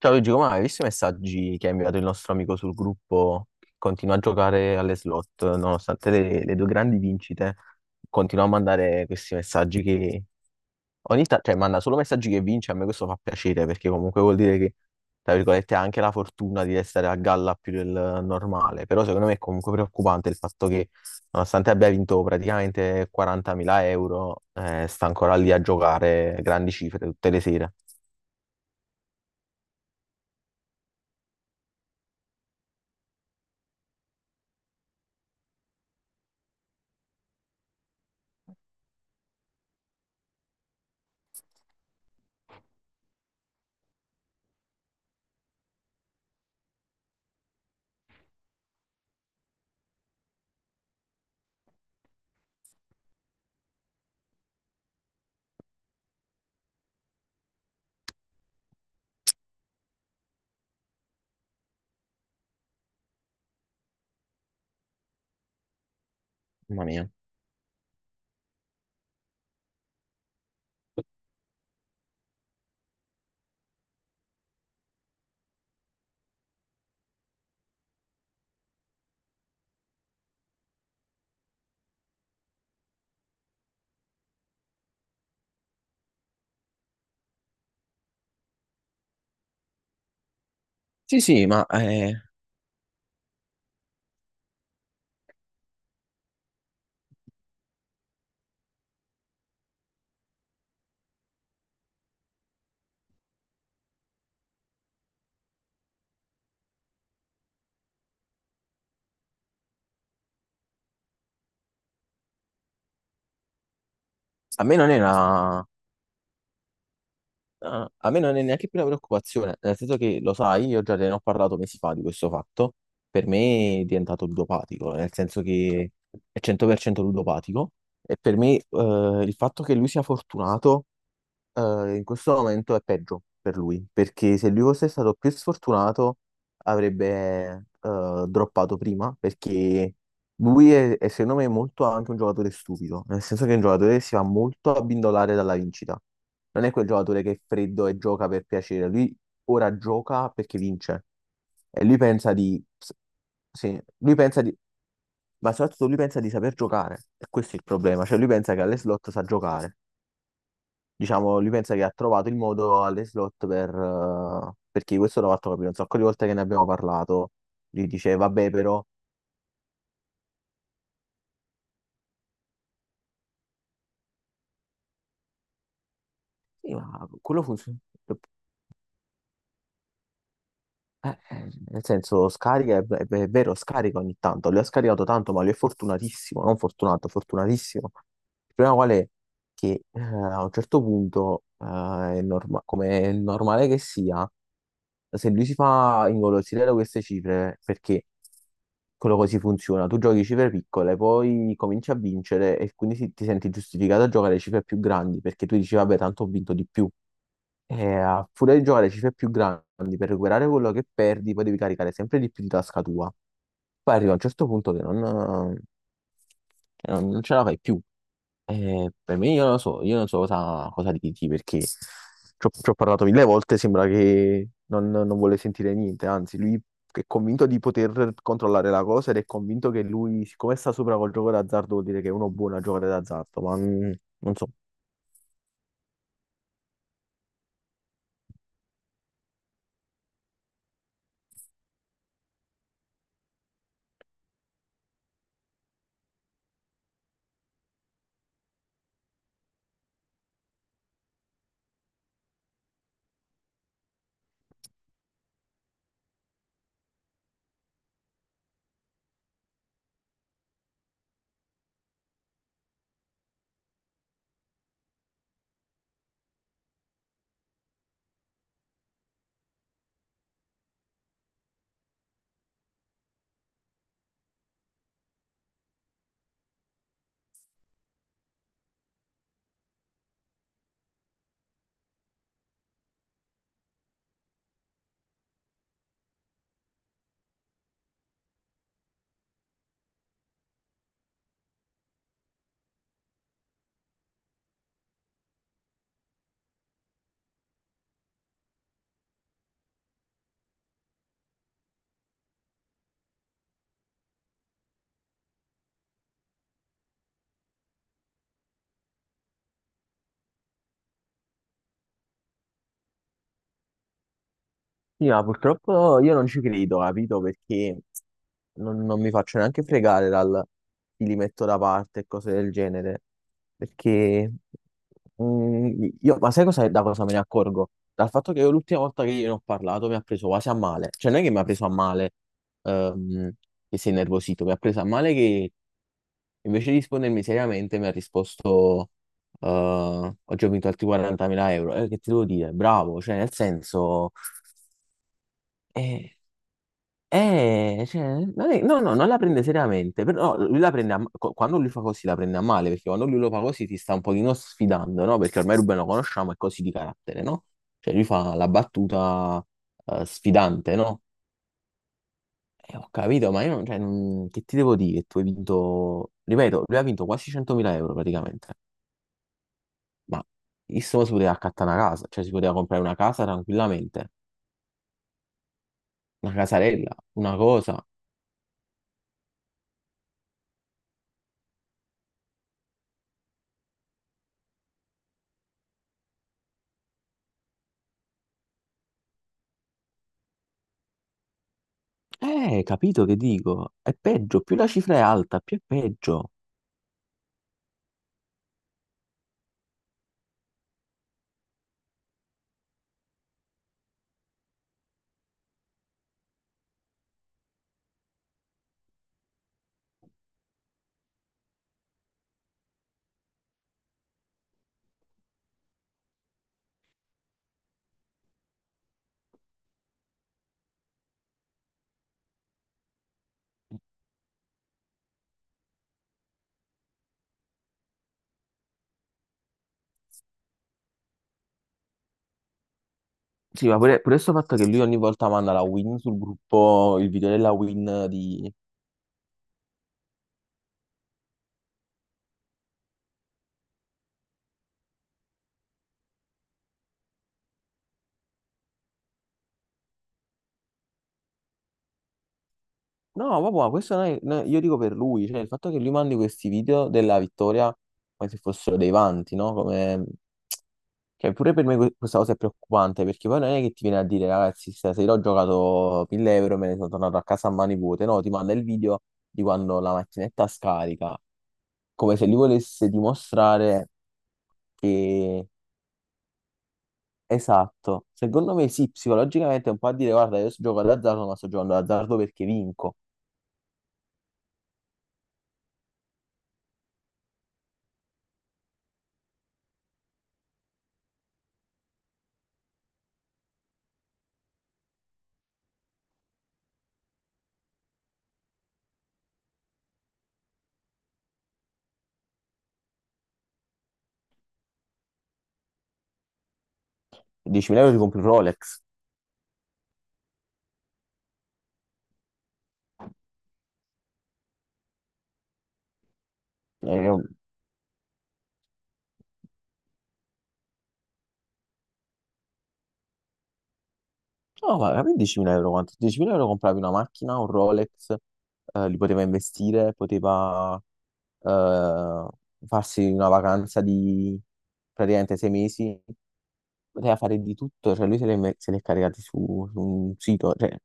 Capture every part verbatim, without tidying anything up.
Ciao Luigi, come hai visto i messaggi che ha inviato il nostro amico sul gruppo? Che continua a giocare alle slot, nonostante le, le due grandi vincite, continua a mandare questi messaggi che ogni tanto, cioè manda solo messaggi che vince, a me questo fa piacere perché comunque vuol dire che, tra virgolette, ha anche la fortuna di restare a galla più del normale, però secondo me è comunque preoccupante il fatto che nonostante abbia vinto praticamente quarantamila euro, eh, sta ancora lì a giocare grandi cifre tutte le sere. Mamma mia. Sì, sì, ma eh, a me non è una, a a me non è neanche più una preoccupazione, nel senso che lo sai, io già te ne ho parlato mesi fa di questo fatto. Per me è diventato ludopatico, nel senso che è cento per cento ludopatico e per me eh, il fatto che lui sia fortunato eh, in questo momento è peggio per lui, perché se lui fosse stato più sfortunato avrebbe eh, droppato prima, perché lui è, è secondo me molto anche un giocatore stupido, nel senso che è un giocatore che si va molto abbindolare dalla vincita. Non è quel giocatore che è freddo e gioca per piacere, lui ora gioca perché vince e lui pensa di. Sì, lui pensa di. Ma soprattutto lui pensa di saper giocare, e questo è il problema, cioè lui pensa che alle slot sa giocare, diciamo, lui pensa che ha trovato il modo alle slot per. Eh, perché questo l'ho fatto capire un sacco di volte che ne abbiamo parlato. Lui dice, vabbè, però, sì, ma quello funziona. Eh, eh, nel senso, scarica, è, è- è vero, scarica ogni tanto, lui ha scaricato tanto, ma lui è fortunatissimo, non fortunato, fortunatissimo. Il problema qual è? Che eh, a un certo punto, eh, è norma- come è normale che sia, se lui si fa ingolosire da queste cifre, perché quello così funziona, tu giochi cifre piccole, poi cominci a vincere e quindi si- ti senti giustificato a giocare cifre più grandi, perché tu dici, vabbè, tanto ho vinto di più. E a furia di giocare cifre più grandi per recuperare quello che perdi, poi devi caricare sempre di più di tasca tua. Poi arriva un certo punto che non, che non- non ce la fai più. E per me, io non lo so, io non so cosa, cosa dirti perché ci ho, ci ho parlato mille volte. Sembra che non, non vuole sentire niente. Anzi, lui è convinto di poter controllare la cosa ed è convinto che lui, siccome sta sopra col gioco d'azzardo, vuol dire che è uno buono a giocare d'azzardo. Ma mm, non so. Sì, ma purtroppo io non ci credo, capito? Perché non, non mi faccio neanche fregare dal ti li metto da parte e cose del genere. Perché mm, io, ma sai cosa, da cosa me ne accorgo? Dal fatto che io l'ultima volta che gliene ho parlato mi ha preso quasi a male. Cioè, non è che mi ha preso a male, ehm, che sei nervosito, mi ha preso a male che invece di rispondermi seriamente mi ha risposto, eh, oggi ho vinto altri quarantamila euro. Eh, che ti devo dire? Bravo, cioè, nel senso. eh, eh, cioè, non è- no, no, non la prende seriamente, però no, lui la prende a, co- quando lui fa così la prende a male, perché quando lui lo fa così ti sta un pochino sfidando, no? Perché ormai Ruben lo conosciamo, è così di carattere, no? Cioè lui fa la battuta eh, sfidante, no? E ho capito, ma io non, cioè, non- che ti devo dire? Tu hai vinto, ripeto, lui ha vinto quasi centomila euro praticamente, ma il mo si poteva accattare una casa, cioè si poteva comprare una casa tranquillamente, una casarella, una cosa. Eh, capito che dico? È peggio, più la cifra è alta, più è peggio. Sì, ma pure, pure questo fatto che lui ogni volta manda la win sul gruppo, il video della win di. No, vabbè, ma questo non è- no, io dico per lui, cioè il fatto che lui mandi questi video della vittoria come se fossero dei vanti, no? Come. Cioè, pure per me que- questa cosa è preoccupante, perché poi non è che ti viene a dire, ragazzi, stasera ho giocato mille euro, e me ne sono tornato a casa a mani vuote, no? Ti manda il video di quando la macchinetta scarica come se lui volesse dimostrare che. Esatto, secondo me sì, psicologicamente è un po' a dire, guarda, io sto giocando d'azzardo, ma sto giocando d'azzardo perché vinco. diecimila euro ti compri un Rolex. Eh, No, ma per diecimila euro quanto? diecimila euro compravi una macchina, un Rolex, eh, li poteva investire, poteva eh, farsi una vacanza di praticamente sei mesi, poteva fare di tutto, cioè lui se l'è se l'è caricati su, su un sito, cioè.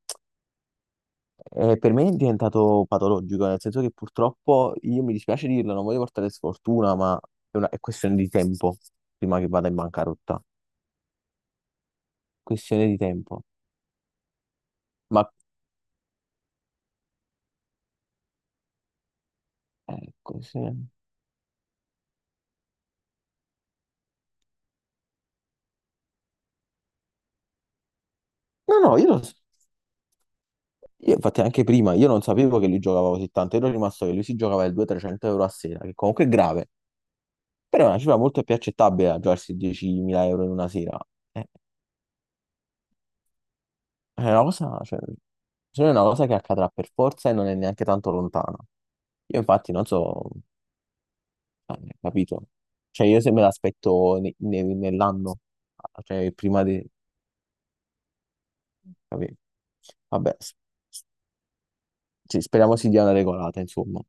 Eh, per me è diventato patologico, nel senso che purtroppo io mi dispiace dirlo, non voglio portare sfortuna, ma è, una, è questione di tempo prima che vada in bancarotta. Questione di tempo. Ma ecco, sì. No, no, io lo so. Io, infatti anche prima, io non sapevo che lui giocava così tanto, ero rimasto che lui si giocava il duecento-trecento euro a sera, che comunque è grave, però è una cifra molto più accettabile a giocarsi diecimila euro in una sera. Eh, è una cosa, cioè, secondo me è una cosa che accadrà per forza e non è neanche tanto lontana. Io infatti non so anni, capito? Cioè io se me l'aspetto ne- ne- nell'anno, cioè prima di. Capi-. Vabbè, s- sì, speriamo si dia una regolata, insomma.